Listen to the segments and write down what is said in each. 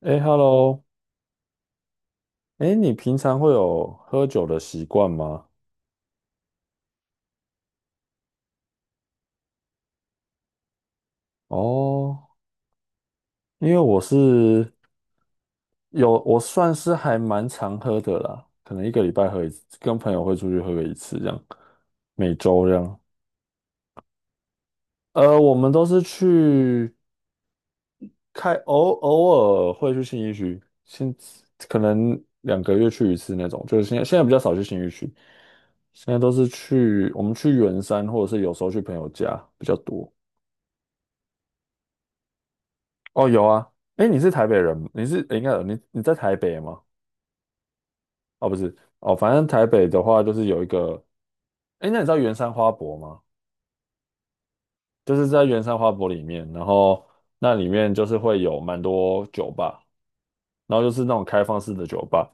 哎，Hello。哎，你平常会有喝酒的习惯吗？哦，因为我是有，我算是还蛮常喝的啦，可能一个礼拜喝一次，跟朋友会出去喝个一次这样，每周这样。我们都是偶尔会去信义区，可能两个月去一次那种，就是现在比较少去信义区，现在都是我们去圆山，或者是有时候去朋友家比较多。哦，有啊。哎，你是台北人吗？诶，应该有你在台北吗？哦，不是。哦，反正台北的话就是有一个，哎，那你知道圆山花博吗？就是在圆山花博里面，然后那里面就是会有蛮多酒吧，然后就是那种开放式的酒吧。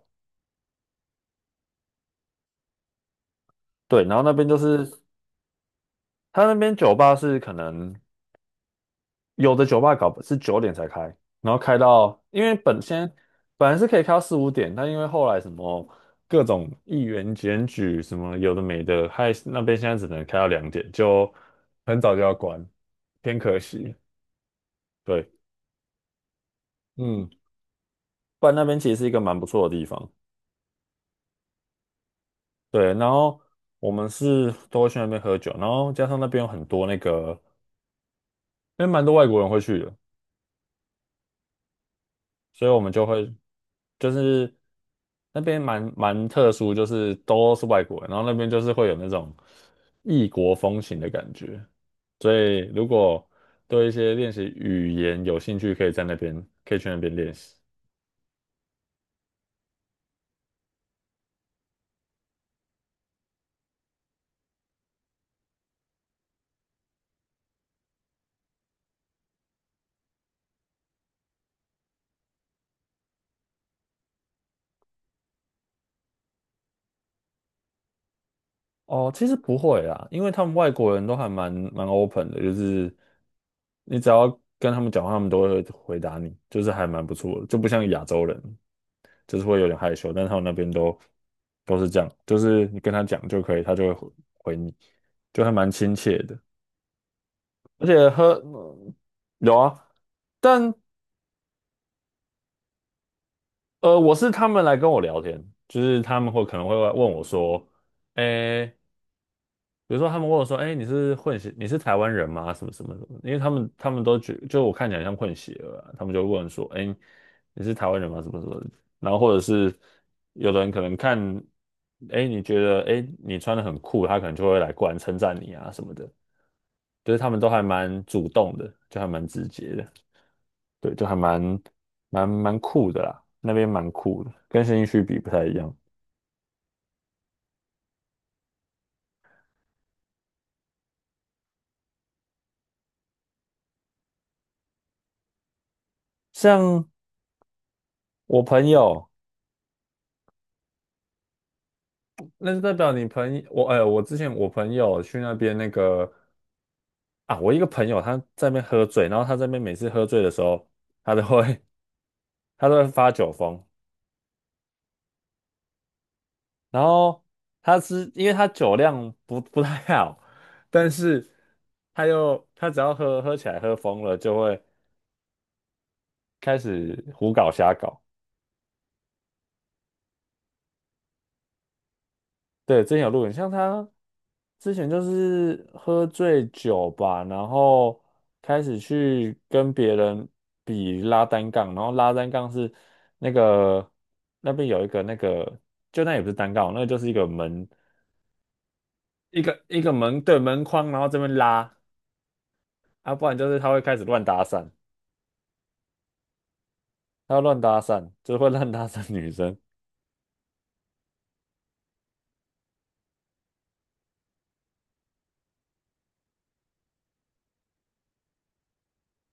对，然后那边就是它那边酒吧是可能。有的酒吧搞是九点才开，然后开到，因为本来是可以开到四五点，但因为后来什么各种议员检举什么有的没的，害那边现在只能开到两点，就很早就要关，偏可惜。对，嗯，不然那边其实是一个蛮不错的地方。对，然后我们是都会去那边喝酒，然后加上那边有很多那个，因为蛮多外国人会去的，所以我们就会就是那边蛮特殊，就是都是外国人，然后那边就是会有那种异国风情的感觉。所以如果对一些练习语言有兴趣，可以去那边练习。哦，其实不会啦，因为他们外国人都还蛮 open 的，就是你只要跟他们讲话，他们都会回答你，就是还蛮不错的，就不像亚洲人。就是会有点害羞，但他们那边都是这样，就是你跟他讲就可以，他就会回你，就还蛮亲切的。而且喝，嗯，有啊，但我是他们来跟我聊天，就是他们会可能会问我说，诶。比如说他们问我说：“哎，你是混血，你是台湾人吗？什么什么什么？”因为他们都觉就我看起来像混血儿啊，他们就问说：“哎，你是台湾人吗？什么什么的？”然后或者是有的人可能看，哎，你觉得哎你穿的很酷，他可能就会过来称赞你啊什么的，就是他们都还蛮主动的，就还蛮直接的。对，就还蛮酷的啦，那边蛮酷的，跟新一区比不太一样。像我朋友，那就代表你朋友，我哎、我之前我朋友去那边那个啊，我一个朋友他在那边喝醉，然后他在那边每次喝醉的时候，他都会 他都会发酒疯，然后他是因为他酒量不太好，但是他只要喝喝起来喝疯了，就会开始胡搞瞎搞。对，之前有录影，像他之前就是喝醉酒吧，然后开始去跟别人比拉单杠，然后拉单杠是那个那边有一个那个，就那也不是单杠，那个就是一个门，一个门，对，门框，然后这边拉，啊，不然就是他会开始乱搭讪，他会乱搭讪，就是会乱搭讪女生。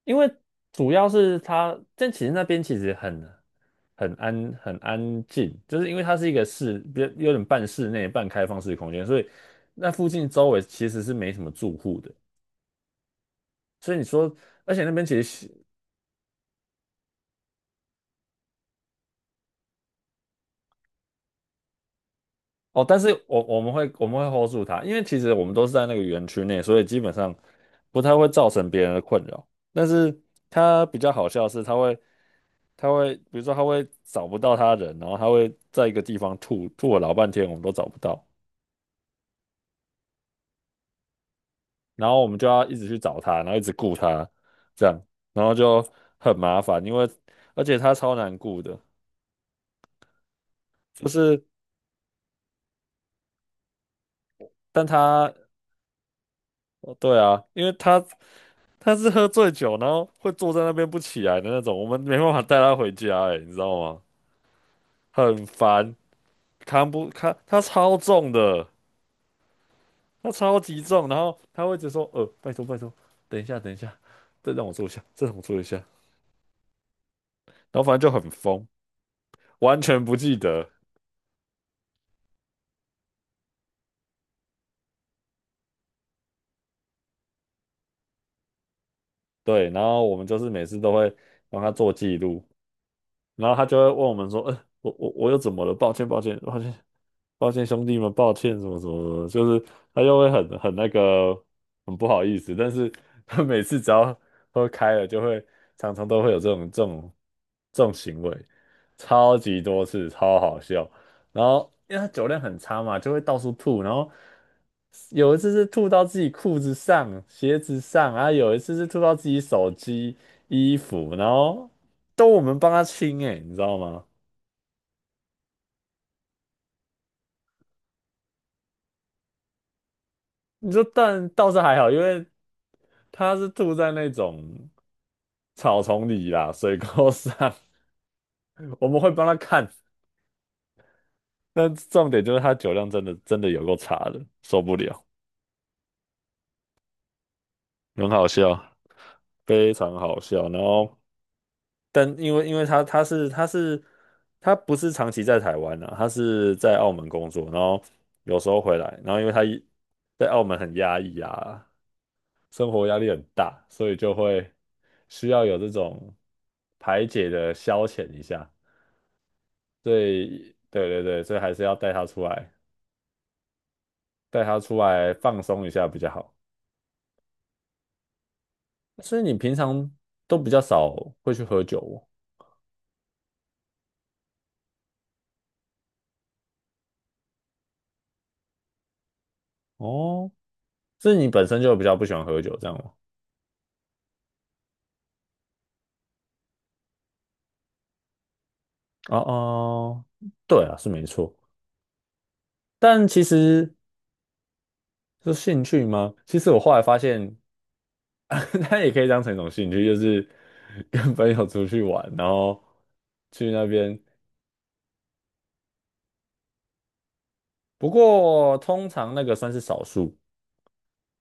因为主要是它，但其实那边其实很安静，就是因为它是一个室，比较有点半室内半开放式空间，所以那附近周围其实是没什么住户的。所以你说，而且那边其实是哦，但是我们会 hold 住它，因为其实我们都是在那个园区内，所以基本上不太会造成别人的困扰。但是它比较好笑的是，它会比如说它会找不到它人，然后它会在一个地方吐了老半天，我们都找不到。然后我们就要一直去找他，然后一直顾他，这样，然后就很麻烦，因为而且他超难顾的，就是但他，哦对啊，因为他是喝醉酒，然后会坐在那边不起来的那种，我们没办法带他回家，哎，你知道吗？很烦，扛不扛？他超重的，他超级重，然后他会一直说，拜托拜托，等一下等一下，再让我坐一下，再让我坐一下，然后反正就很疯，完全不记得。对，然后我们就是每次都会帮他做记录，然后他就会问我们说：我又怎么了？抱歉，抱歉，抱歉。”抱歉兄弟们，抱歉什么什么什么，就是他就会很那个很不好意思，但是 他每次只要喝开了，就会常常都会有这种行为，超级多次，超好笑。然后因为他酒量很差嘛，就会到处吐，然后有一次是吐到自己裤子上、鞋子上，然后有一次是吐到自己手机、衣服，然后都我们帮他清哎、你知道吗？你说但倒是还好，因为他是吐在那种草丛里啦，水沟上，我们会帮他看。但重点就是他酒量真的真的有够差的，受不了，很好笑，非常好笑。然后，但因为他不是长期在台湾啊，他是在澳门工作，然后有时候回来，然后因为他在澳门很压抑啊，生活压力很大，所以就会需要有这种排解的消遣一下。对对对对，所以还是要带他出来，带他出来放松一下比较好。所以你平常都比较少会去喝酒。哦，哦，是你本身就比较不喜欢喝酒这样吗？哦哦，对啊，是没错。但其实是兴趣吗？其实我后来发现，它也可以当成一种兴趣，就是 跟朋友出去玩，然后去那边。不过通常那个算是少数，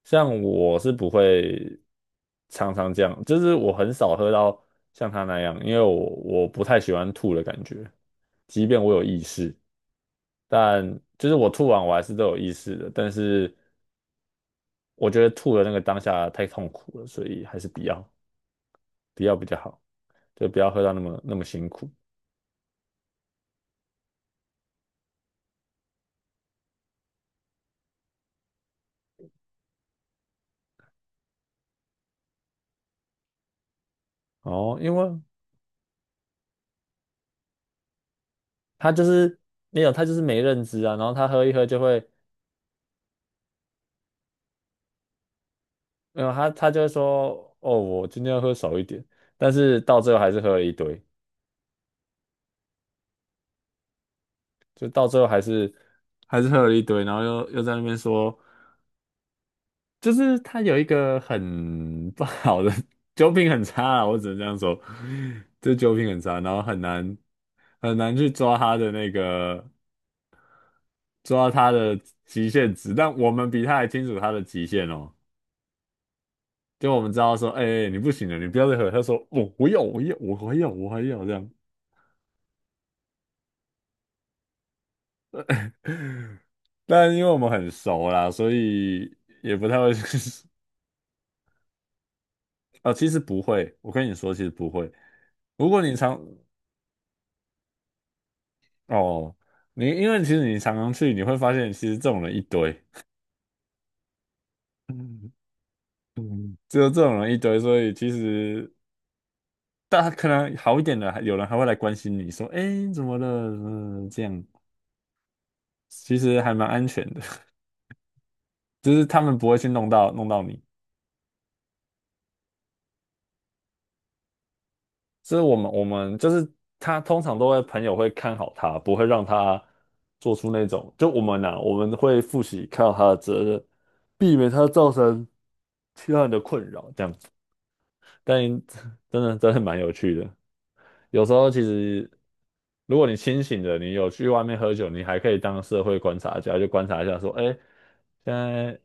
像我是不会常常这样，就是我很少喝到像他那样，因为我不太喜欢吐的感觉，即便我有意识，但就是我吐完我还是都有意识的，但是我觉得吐的那个当下太痛苦了，所以还是不要比较好，就不要喝到那么那么辛苦。哦，因为他就是没有，他就是没认知啊，然后他喝一喝就会，没有，他就会说，哦，我今天要喝少一点，但是到最后还是喝了一堆。就到最后还是喝了一堆，然后又在那边说，就是他有一个很不好的 酒品很差啊，我只能这样说，这酒品很差，然后很难去抓他的抓他的极限值，但我们比他还清楚他的极限哦，就我们知道说，哎、哎你不行了，你不要再喝，他说我我要我要我还要我还要这样。但因为我们很熟啦，所以也不太会 哦，其实不会，我跟你说，其实不会，如果你常哦，你因为其实你常常去，你会发现其实这种人一堆。嗯嗯，只有这种人一堆，所以其实大家可能好一点的，还有人还会来关心你说，哎，怎么了？嗯，这样其实还蛮安全的。就是他们不会去弄到你。就是我们就是他通常都会朋友会看好他，不会让他做出那种就我们会负起看好他的责任，避免他造成其他人的困扰，这样。但真的真的蛮有趣的。有时候其实，如果你清醒的，你有去外面喝酒，你还可以当社会观察家，就观察一下说，哎，现在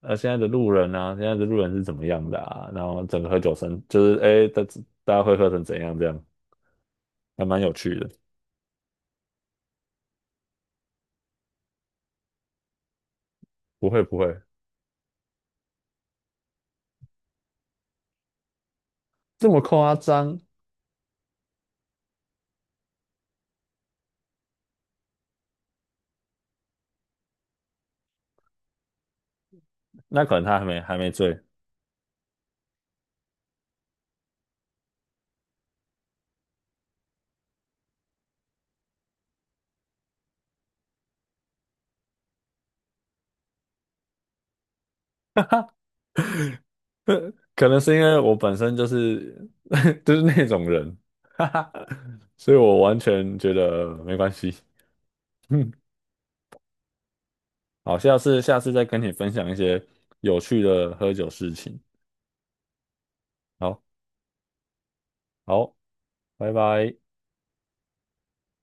现在的路人啊，现在的路人是怎么样的啊？然后整个喝酒声就是哎，大家会喝成怎样这样，还蛮有趣的。不会不会这么夸张，那可能他还没醉，可能是因为我本身就是 就是那种人，哈哈，所以我完全觉得没关系。嗯，好，下次再跟你分享一些有趣的喝酒事情。好，好，拜拜。